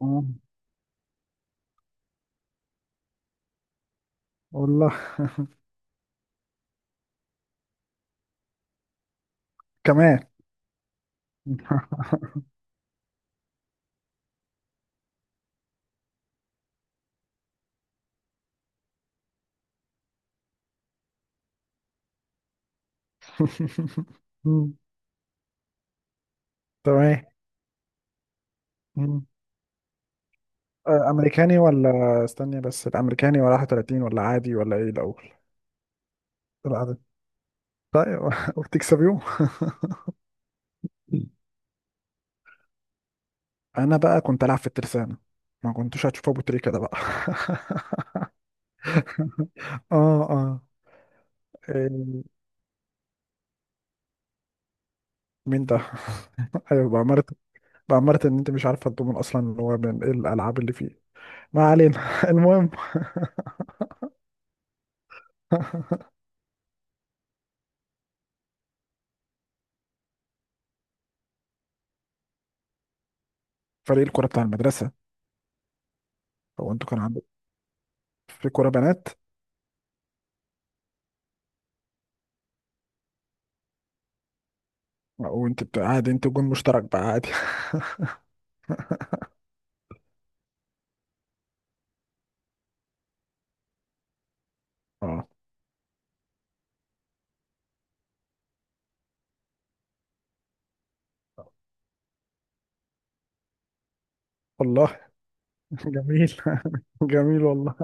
آه، والله. كمان. مم، تمام. مم. آه، امريكاني ولا استني بس، الامريكاني ولا 31 ولا عادي ولا ايه الاول؟ العادي. طيب. وبتكسبيهم؟ انا بقى كنت العب في الترسانة، ما كنتوش هتشوفوا ابو تريكة ده بقى. اه اه. إيه، مين ده؟ ايوه، بأمارة ان انت مش عارفه الضمن اصلا اللي هو من ايه الالعاب اللي فيه. ما علينا. المهم. فريق الكرة بتاع المدرسة؟ هو انتوا كان عندكم في كرة بنات؟ وانت بتقعد انت جون مشترك بقى عادي؟ اه والله. جميل. جميل والله.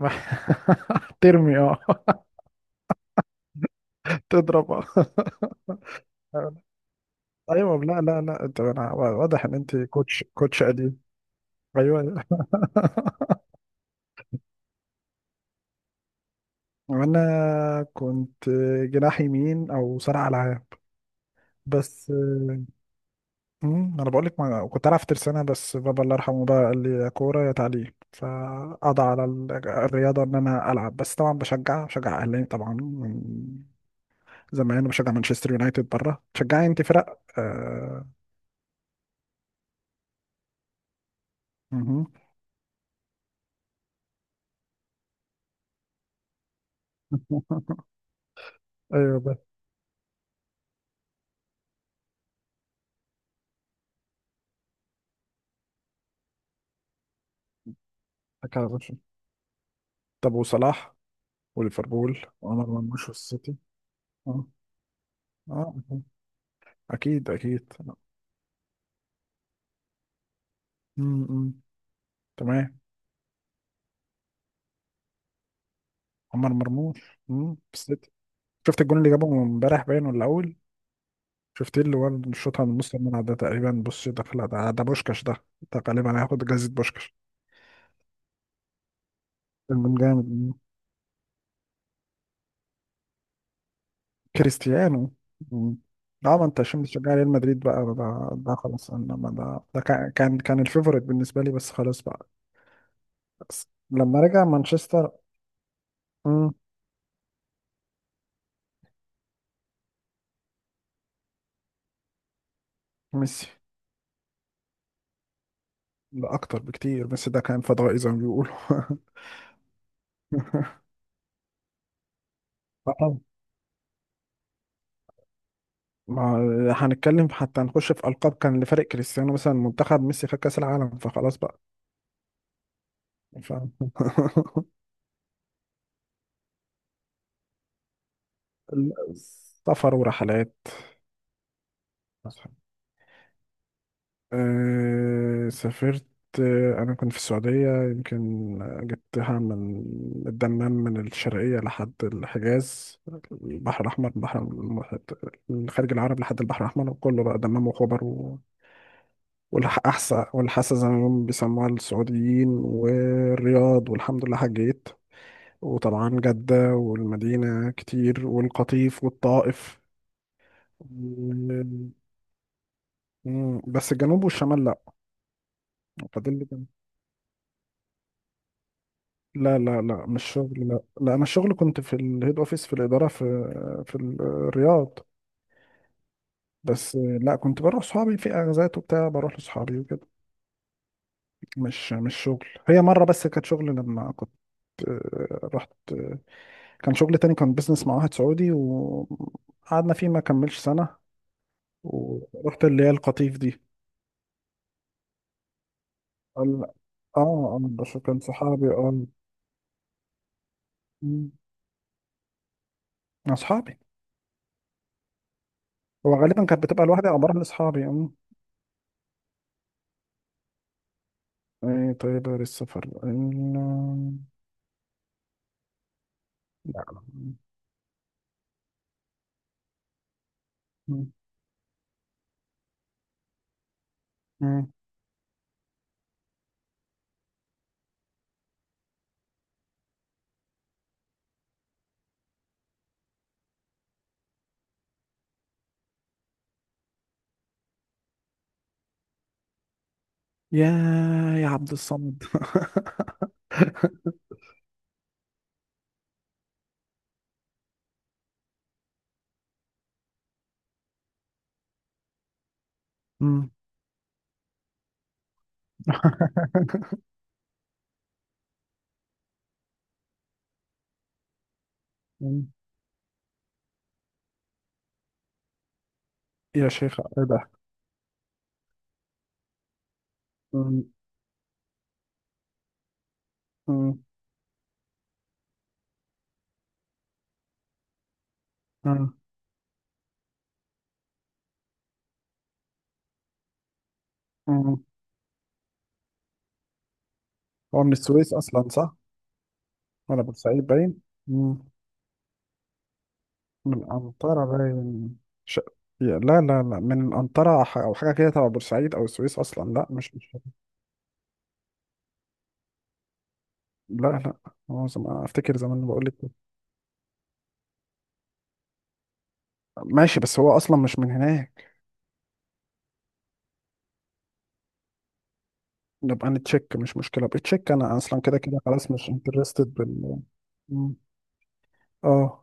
راح ترمي، اه. تضرب، اه. ايوه. لا لا لا، انا واضح ان انت كوتش كوتش قديم. ايوه أيوة. وانا كنت جناح يمين او صانع العاب بس. انا بقول لك، ما كنت العب في ترسانه بس بابا الله يرحمه بقى قال لي يا كوره يا تعليم، فقضى على الرياضه ان انا العب، بس طبعا بشجع اهلي طبعا، زي ما انا بشجع مانشستر يونايتد بره. تشجعي انت فرق؟ آه. مهم. ايوه بس حكى على برشلونة. طب وصلاح وليفربول وعمر مرموش والسيتي؟ اه اه، اكيد اكيد. امم تمام. عمر مرموش، السيتي. شفت الجون اللي جابه امبارح، باين ولا اول؟ شفتيه اللي هو اللي شاطها من نص الملعب ده تقريبا؟ بص، دخل، ده بوشكش ده غالبا هياخد جايزة بوشكش. كان من جامد. كريستيانو. مم. اه، ما انت عشان بتشجع ريال مدريد بقى ده، خلاص. انا ما ده كان الفيفوريت بالنسبه لي، بس خلاص بقى. بس لما رجع مانشستر. مم. ميسي؟ لا، اكتر بكتير، بس ده كان فضائي زي ما بيقولوا. طبعا. ما هنتكلم حتى نخش في القاب، كان لفريق كريستيانو مثلا، منتخب ميسي خد كاس العالم فخلاص بقى. ف... سفر ورحلات. سافرت، آه، أنا كنت في السعودية يمكن. جبتها من الدمام من الشرقية لحد الحجاز، البحر الأحمر، الخليج العربي لحد البحر الأحمر، وكله بقى دمام وخبر و- والأحساء والحسا زي ما هم بيسموها السعوديين، والرياض، والحمد لله حجيت، وطبعا جدة والمدينة كتير، والقطيف والطائف. و- مم، بس الجنوب والشمال لأ. فاضل لي. لا لا لا، مش شغل، لا لا، انا الشغل كنت في الهيد اوفيس في الاداره، في الرياض، بس لا كنت بروح صحابي في اغازات وبتاع، بروح لصحابي وكده. مش شغل، هي مره بس كانت شغل لما كنت، رحت، كان شغل تاني، كان بيزنس مع واحد سعودي وقعدنا فيه ما كملش سنه، ورحت اللي هي القطيف دي. اه اه، بس كان صحابي اه. مم، اصحابي، هو غالبا كانت بتبقى لوحدي او بروح لاصحابي. ايه طيب غير السفر لا. م- م- يا يا عبد الصمد. م. م. يا شيخ ايه ده. م- م- م- م. هو من السويس اصلا صح، ولا بورسعيد باين. م. من انطارا باين. ش... لا لا لا، من انطارا، او حاجه كده تبع بورسعيد او السويس اصلا. لا، مش، لا لا، هو افتكر زمان، بقول لك. ماشي، بس هو اصلا مش من هناك. نبقى نتشيك، مش مشكلة، ابقى تشيك، انا اصلا كده كده خلاص مش انترستد بال. مم. اه،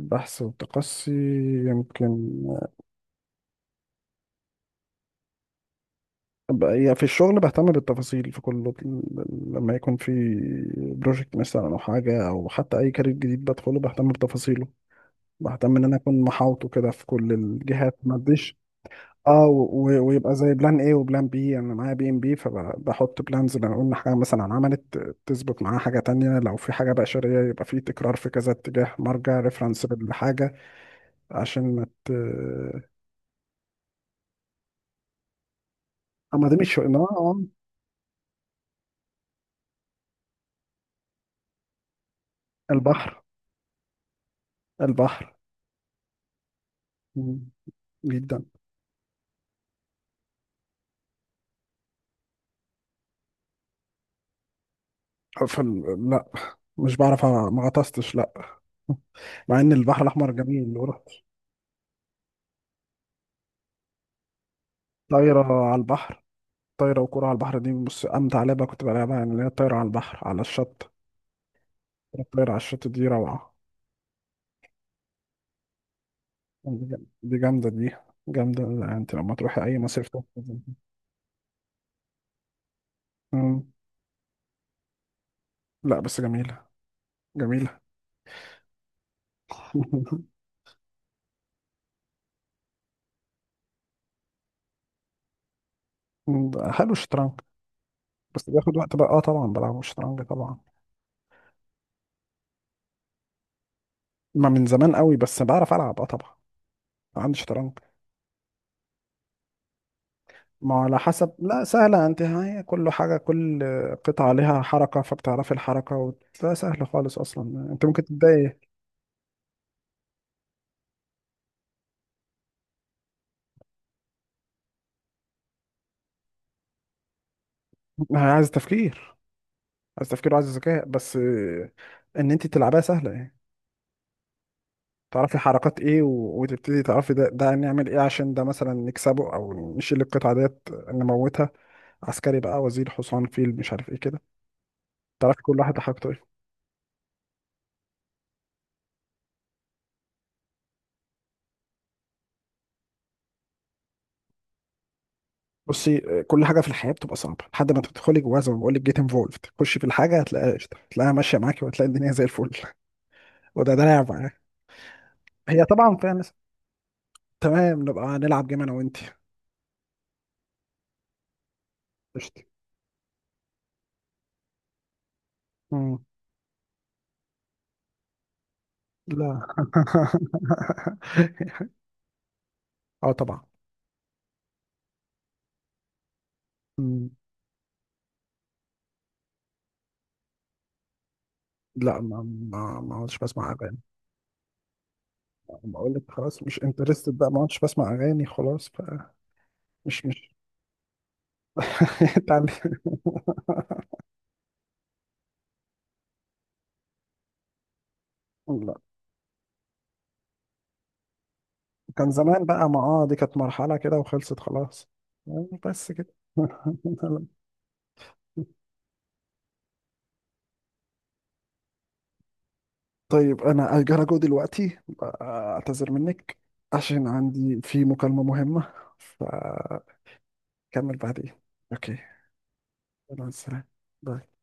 البحث والتقصي؟ يمكن. أبقى يعني في الشغل بهتم بالتفاصيل في كل، لما يكون في بروجكت مثلا او حاجة، او حتى اي كارير جديد بدخله بهتم بتفاصيله، بهتم ان انا اكون محاوطه كده في كل الجهات ما اديش. اه، ويبقى زي بلان ايه وبلان بي، انا معايا بي ام بي، فبحط بلانز، لو قلنا حاجه مثلا عملت، تثبت معاها حاجه تانية، لو في حاجه بشريه يبقى في تكرار، في كذا اتجاه، مرجع ريفرنس للحاجه، عشان ما ت. اما دي مش اه. آه، البحر، البحر. مم. جدا. لا، مش بعرف، ما غطستش، لا. مع ان البحر الاحمر جميل، ورحت. طايره على البحر؟ طايره وكوره على البحر، دي بص امتع لعبه كنت بلعبها، يعني اللي هي الطايره على البحر على الشط. الطاير على الشط دي روعة. دي جامدة، دي جامدة. لا، انت لما تروحي أي مصيف تروحي زي دي. مم. لا، بس جميلة. جميلة. مم، ده حلو الشطرنج. بس بياخد وقت بقى، اه طبعا بلعب الشطرنج طبعا. ما من زمان قوي، بس بعرف ألعب، اه طبعا عندي شطرنج. ما على حسب. لا سهلة انت، هي كل حاجة، كل قطعة عليها حركة فبتعرفي الحركة و... لا سهلة خالص أصلا، انت ممكن تبدأي. عايز تفكير عايز تفكير وعايز ذكاء بس، ان انت تلعبها سهلة يعني. تعرفي حركات ايه و... وتبتدي تعرفي ده نعمل ايه عشان ده مثلا نكسبه او نشيل القطعة ديت نموتها. عسكري بقى، وزير، حصان، فيل، مش عارف ايه كده، تعرفي كل واحد حاجته ايه. بصي، كل حاجة في الحياة بتبقى صعبة لحد ما تدخلي جواها، زي ما بقول لك جيت انفولفد، تخشي في الحاجة هتلاقيها قشطة، هتلاقيها ماشية معاكي، وهتلاقي الدنيا زي الفل. وده لعب معاك. هي طبعا فيها ناس. تمام، نبقى نلعب جيم انا وانت. قشطة. مم. لا. اه طبعا. مم. لا، ما عدتش بسمع اغاني. بقول لك خلاص مش انترستد بقى، ما عدتش بسمع اغاني خلاص، فمش مش. تعال- لا، كان زمان بقى ما دي كانت مرحلة كده وخلصت خلاص. بس كده. طيب انا هجرى جو دلوقتي، اعتذر منك، عشان عندي في مكالمة مهمة، فكمل بعدين. اوكي، مع السلامة. باي.